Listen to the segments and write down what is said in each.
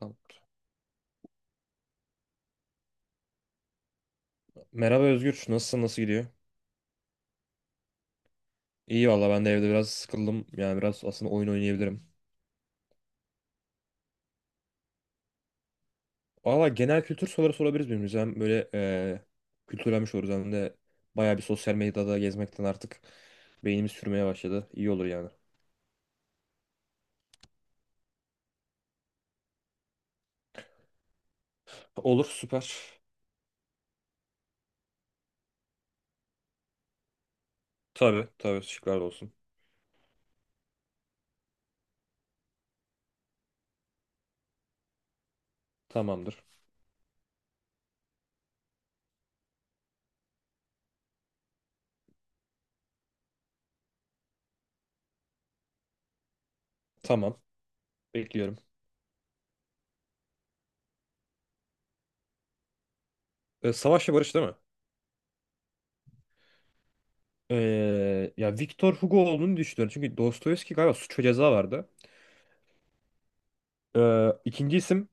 Tamam. Merhaba Özgür. Nasılsın? Nasıl gidiyor? İyi valla ben de evde biraz sıkıldım. Yani biraz aslında oyun oynayabilirim. Valla genel kültür soruları sorabiliriz birbirimize. Hem böyle kültürlenmiş oluruz hem de bayağı bir sosyal medyada gezmekten artık beynimiz sürmeye başladı. İyi olur yani. Olur süper. Tabii tabii, şıklar da olsun. Tamamdır. Tamam. Bekliyorum. Savaş ve Barış değil mi? Ya Victor Hugo olduğunu düşünüyorum. Çünkü Dostoyevski galiba Suç ve Ceza vardı. İkinci isim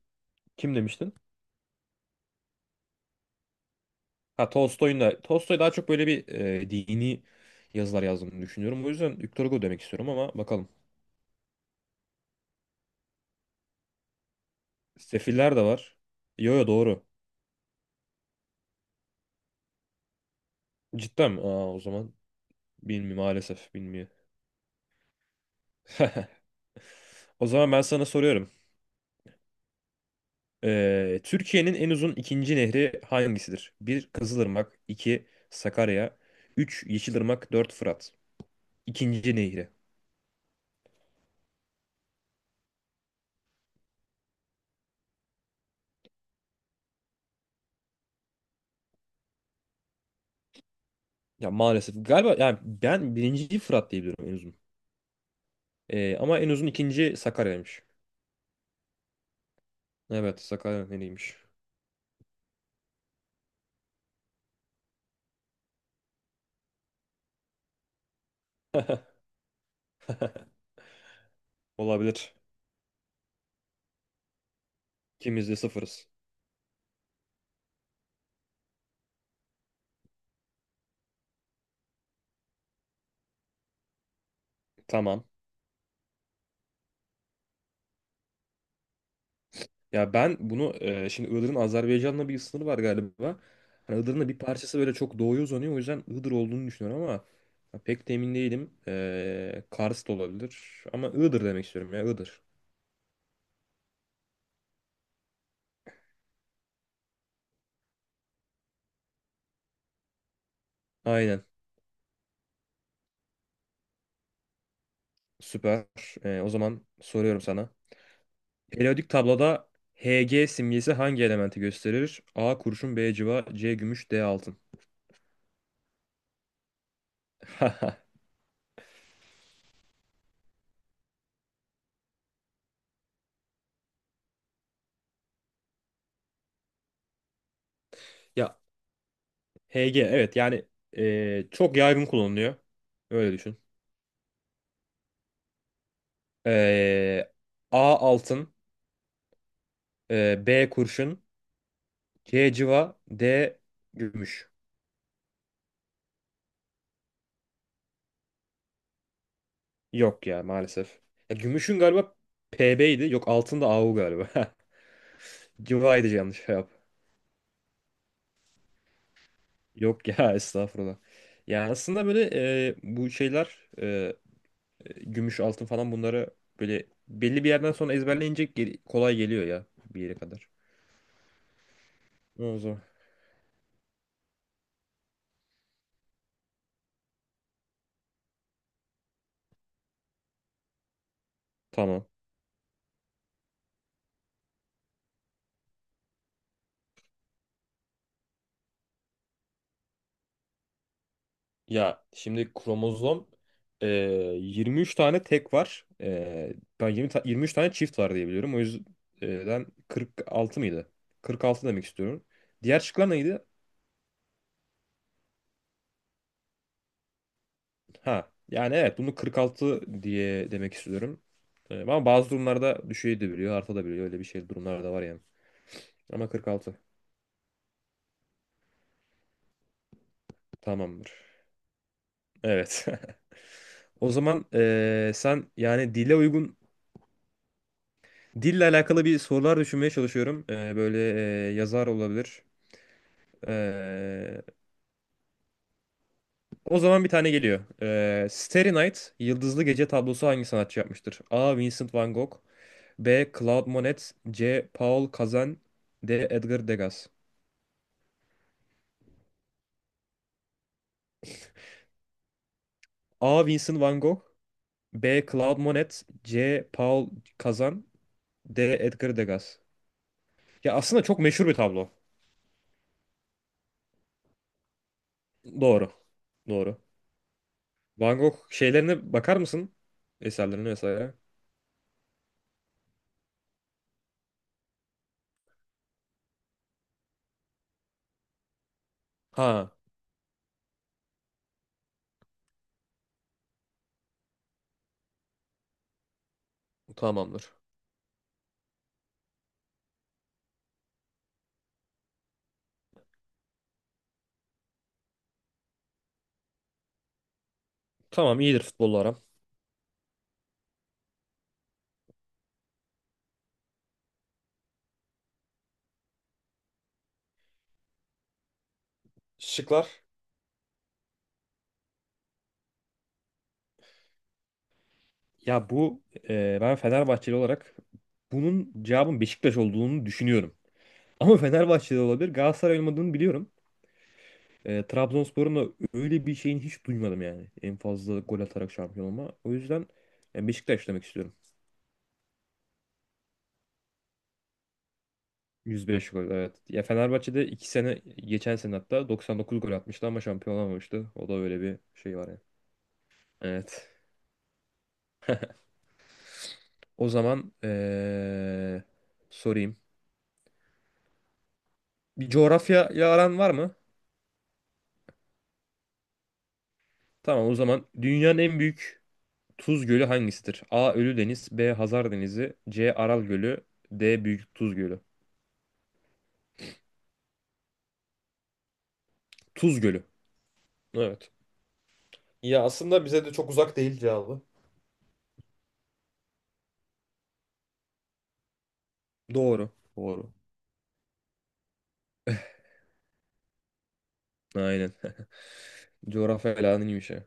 kim demiştin? Ha Tolstoy daha çok böyle bir dini yazılar yazdığını düşünüyorum. O yüzden Victor Hugo demek istiyorum ama bakalım. Sefiller de var. Yo, yo, doğru. Cidden mi? Aa, o zaman bilmiyorum, maalesef bilmiyor. O zaman ben sana soruyorum. Türkiye'nin en uzun ikinci nehri hangisidir? Bir Kızılırmak, 2 Sakarya, 3 Yeşilırmak, 4 Fırat. İkinci nehri. Ya maalesef galiba, yani ben birinciyi Fırat diye biliyorum en uzun. Ama en uzun ikinci Sakarya'ymış. Evet, Sakarya nehriymiş. Olabilir. İkimiz de sıfırız. Tamam. Ya ben bunu şimdi Iğdır'ın Azerbaycan'la bir sınırı var galiba. Hani Iğdır'ın da bir parçası böyle çok doğuya uzanıyor. O yüzden Iğdır olduğunu düşünüyorum ama pek de emin değilim. Kars da olabilir. Ama Iğdır demek istiyorum, ya Iğdır. Aynen. Süper. O zaman soruyorum sana. Periyodik tabloda Hg simgesi hangi elementi gösterir? A kurşun, B civa, C gümüş, D altın. Ya Hg, evet yani çok yaygın kullanılıyor. Öyle düşün. Ee, A altın, B kurşun, C cıva, D gümüş. Yok ya maalesef. Ya, gümüşün galiba PB'ydi. Yok, altın da AU galiba. Cıvaydı, yanlış cevap. Yok ya estağfurullah. Yani aslında böyle bu şeyler gümüş altın falan, bunları böyle belli bir yerden sonra ezberleyince kolay geliyor ya, bir yere kadar. O zaman. Tamam. Ya şimdi kromozom e, 23 tane tek var. Ben 23 tane çift var diye biliyorum. O yüzden 46 mıydı? 46 demek istiyorum. Diğer şıklar neydi? Ha yani evet, bunu 46 diye demek istiyorum. Ama bazı durumlarda düşebiliyor, artabiliyor. Öyle bir şey, durumlar da var yani. Ama 46 tamamdır. Evet. O zaman sen, yani dile uygun dille alakalı bir sorular düşünmeye çalışıyorum. Böyle yazar olabilir. Ee, o zaman bir tane geliyor. Starry Night, Yıldızlı Gece tablosu hangi sanatçı yapmıştır? A. Vincent van Gogh, B. Claude Monet, C. Paul Cézanne, D. Edgar Degas. A. Vincent van Gogh, B. Claude Monet, C. Paul Cézanne, D. Edgar Degas. Ya aslında çok meşhur bir tablo. Doğru. Doğru. Van Gogh şeylerine bakar mısın? Eserlerine vesaire. Ha, tamamdır. Tamam, iyidir futbolla aram. Şıklar. Ya bu ben Fenerbahçeli olarak bunun cevabın Beşiktaş olduğunu düşünüyorum. Ama Fenerbahçe'de olabilir. Galatasaray olmadığını biliyorum. Trabzonspor'un da öyle bir şeyini hiç duymadım yani. En fazla gol atarak şampiyon olma. O yüzden Beşiktaş demek istiyorum. 105 gol, evet. Ya Fenerbahçe'de 2 sene, geçen sene hatta 99 gol atmıştı ama şampiyon olamamıştı. O da öyle bir şey var yani. Evet. O zaman sorayım. Bir coğrafya aran var mı? Tamam, o zaman dünyanın en büyük Tuz Gölü hangisidir? A. Ölüdeniz, B. Hazar Denizi, C. Aral Gölü, D. Büyük Tuz Gölü. Tuz Gölü. Evet. Ya aslında bize de çok uzak değil cevabı. Doğru. Doğru. Aynen. Coğrafya falan iyiymiş ya.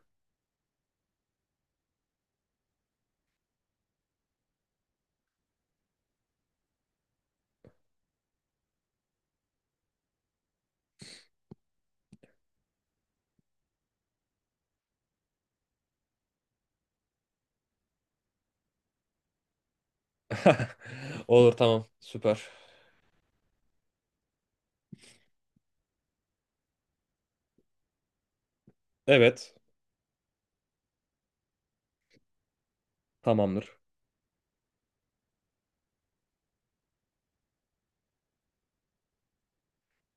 Olur, tamam. Süper. Evet. Tamamdır.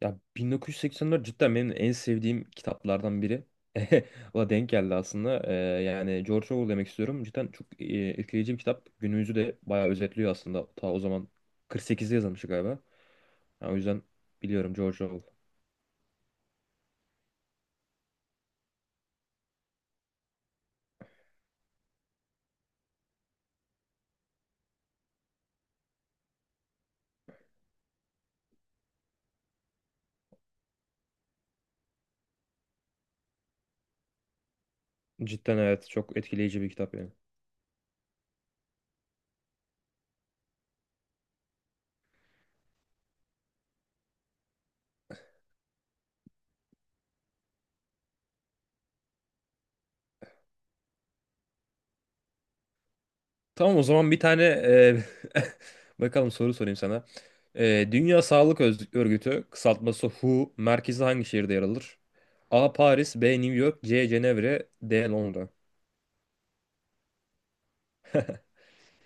Ya 1984 cidden benim en sevdiğim kitaplardan biri. O denk geldi aslında. Yani George Orwell demek istiyorum. Cidden çok etkileyici bir kitap. Günümüzü de bayağı özetliyor aslında. Ta o zaman 48'de yazılmış galiba. Ya o yüzden biliyorum, George Orwell. Cidden evet, çok etkileyici bir kitap yani. Tamam, o zaman bir tane bakalım soru sorayım sana. Dünya Sağlık Örgütü kısaltması WHO merkezi hangi şehirde yer alır? A. Paris, B. New York, C. Cenevre, D. Londra.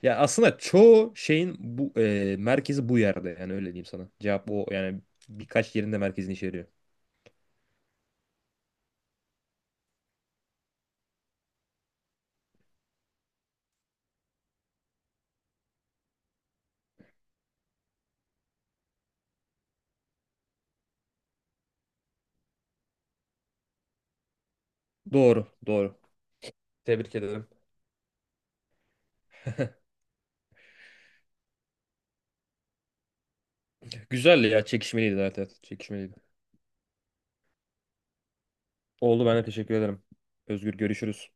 Ya aslında çoğu şeyin bu merkezi bu yerde, yani öyle diyeyim sana. Cevap o yani, birkaç yerinde merkezini içeriyor. Doğru, doğru. Tebrik ederim. Güzeldi ya. Çekişmeliydi zaten. Çekişmeliydi. Oldu, ben de teşekkür ederim. Özgür, görüşürüz.